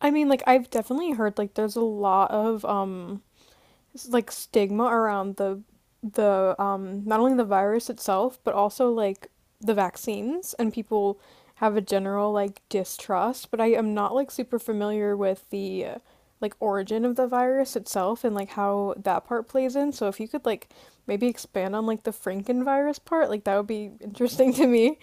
I mean, like I've definitely heard like there's a lot of like stigma around the not only the virus itself, but also like the vaccines and people have a general like distrust, but I am not like super familiar with the like origin of the virus itself and like how that part plays in. So if you could like maybe expand on like the Frankenvirus part, like that would be interesting to me.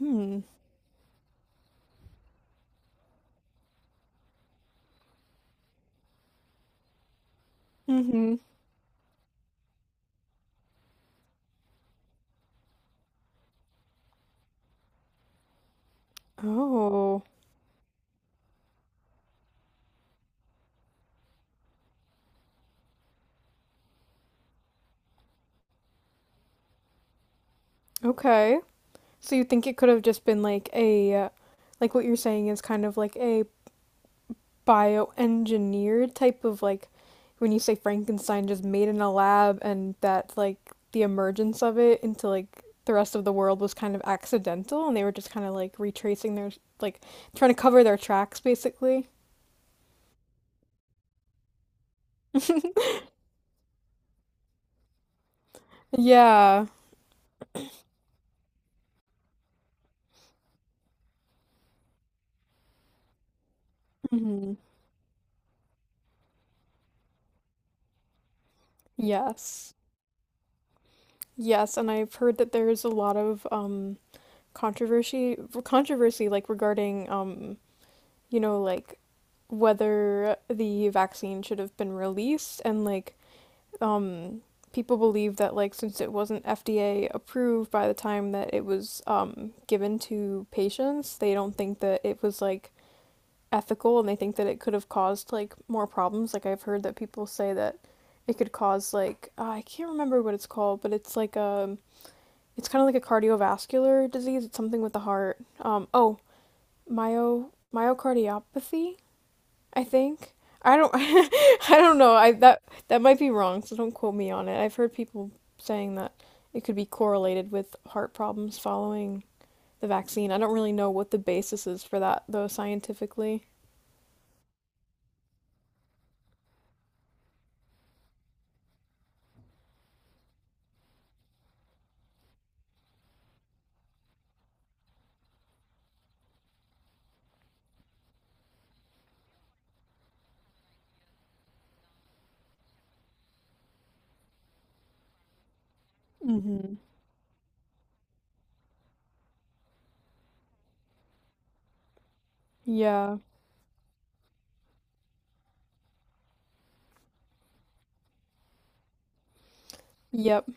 Hmm. Mm-hmm. Oh. Okay. So you think it could have just been like a like what you're saying is kind of like a bioengineered type of like, when you say Frankenstein, just made in a lab, and that like the emergence of it into like the rest of the world was kind of accidental, and they were just kind of like retracing their like trying to cover their tracks basically. Yeah. Hmm. Yes. Yes, and I've heard that there's a lot of controversy controversy like regarding you know, like whether the vaccine should have been released and like um people believe that like since it wasn't FDA approved by the time that it was given to patients, they don't think that it was like ethical and they think that it could have caused like more problems. Like I've heard that people say that it could cause like I can't remember what it's called, but it's like a it's kind of like a cardiovascular disease. It's something with the heart. Oh, myocardiopathy I think. I don't I don't know. I that That might be wrong, so don't quote me on it. I've heard people saying that it could be correlated with heart problems following the vaccine. I don't really know what the basis is for that though scientifically. Mm-hmm. Yeah. Yep.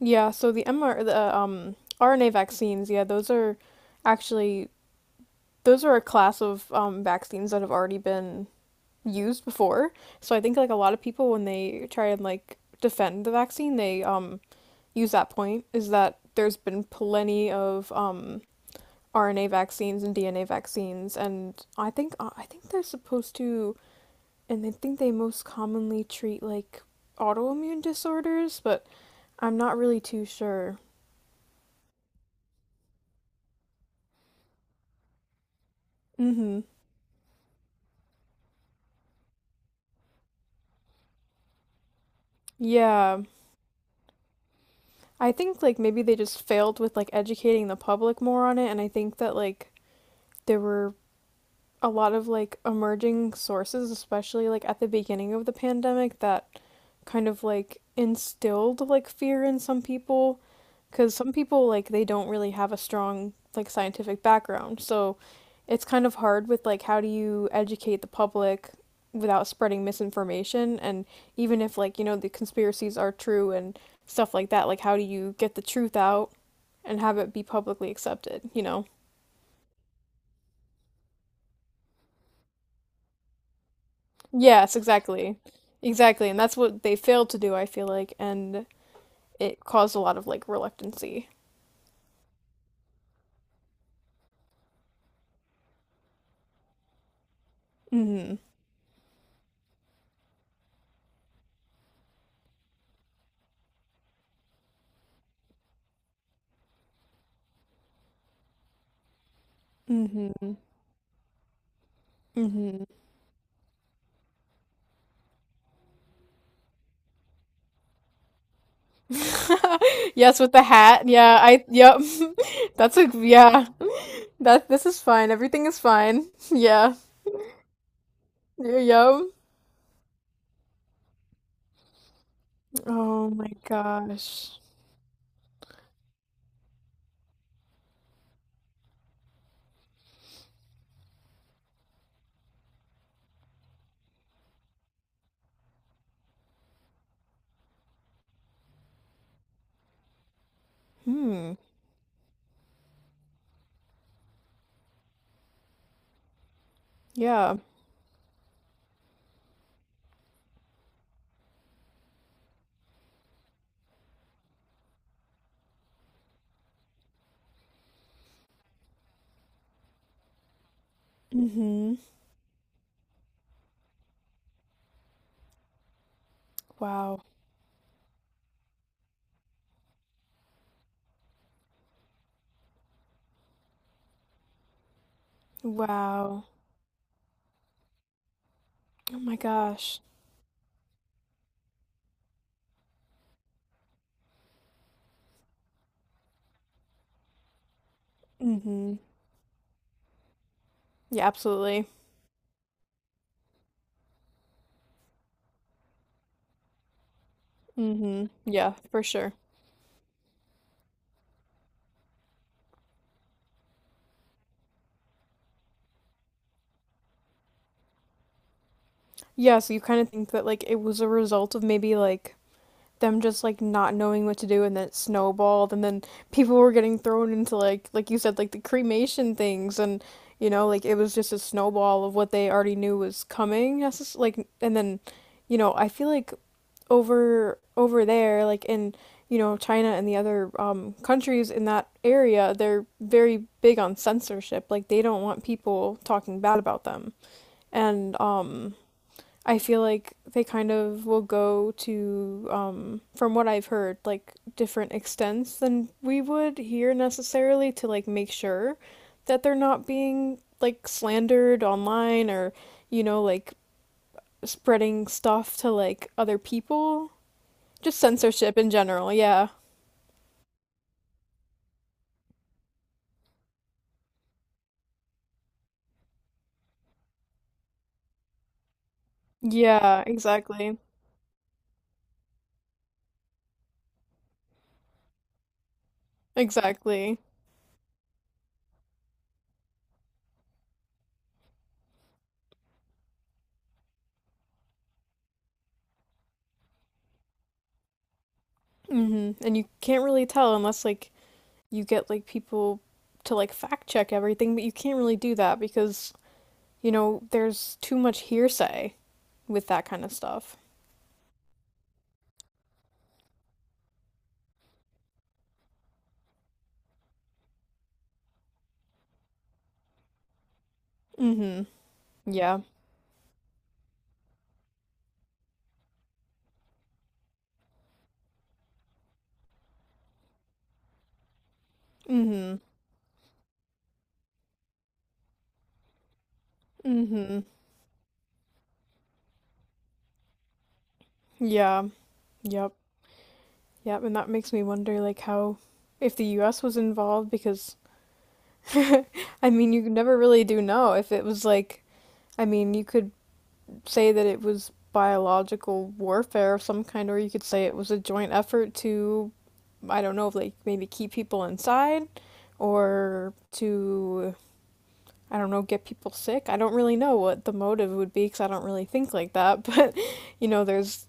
Yeah, so the RNA vaccines, yeah, actually those are a class of vaccines that have already been used before. So I think like a lot of people when they try and like defend the vaccine, they use that point is that there's been plenty of RNA vaccines and DNA vaccines, and I think they're supposed to, and I think they most commonly treat like autoimmune disorders, but I'm not really too sure. Mm-hmm. Yeah, I think like maybe they just failed with like educating the public more on it, and I think that like there were a lot of like emerging sources, especially like at the beginning of the pandemic, that kind of like instilled like fear in some people because some people like they don't really have a strong like scientific background. So it's kind of hard with like how do you educate the public without spreading misinformation and even if like you know the conspiracies are true and stuff like that, like how do you get the truth out and have it be publicly accepted, you know? Yes, exactly. Exactly. And that's what they failed to do, I feel like, and it caused a lot of like reluctancy. Mm-hmm. Mm-hmm. Mm-hmm. Yes, with the hat. Yeah, I yep. That's a yeah. That this is fine. Everything is fine. Yeah. Yeah, yep. Oh my gosh. Hmm. Yeah. Mm-hmm. Wow. Wow. Oh my gosh. Mm-hmm. Yeah, absolutely. Mm-hmm. Yeah, for sure. Yeah, so you kind of think that like it was a result of maybe like them just like not knowing what to do and then it snowballed and then people were getting thrown into like you said like the cremation things and you know like it was just a snowball of what they already knew was coming like and then you know I feel like over there like in you know China and the other countries in that area they're very big on censorship like they don't want people talking bad about them and I feel like they kind of will go to, from what I've heard, like different extents than we would here necessarily to like make sure that they're not being like slandered online or, you know, like spreading stuff to like other people. Just censorship in general, yeah. Yeah, exactly. Exactly. Hmm. And you can't really tell unless like you get like people to like fact check everything, but you can't really do that because you know, there's too much hearsay with that kind of stuff. Mm-hmm. Yeah. Mm-hmm. Mm-hmm. Yeah. Yep. Yep. And that makes me wonder, like, how if the US was involved, because I mean, you never really do know if it was like, I mean, you could say that it was biological warfare of some kind, or you could say it was a joint effort to, I don't know, like maybe keep people inside or to I don't know, get people sick. I don't really know what the motive would be because I don't really think like that, but you know,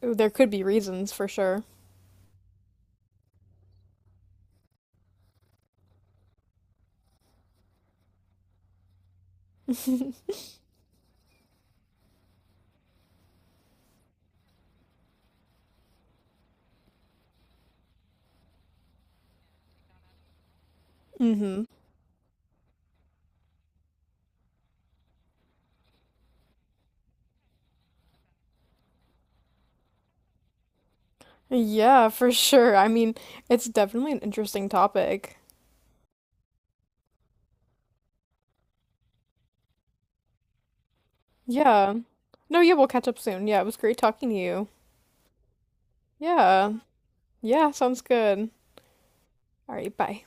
there could be reasons for sure. Hmm. Yeah, for sure. I mean, it's definitely an interesting topic. Yeah. No, yeah, we'll catch up soon. Yeah, it was great talking to you. Yeah. Yeah, sounds good. All right, bye.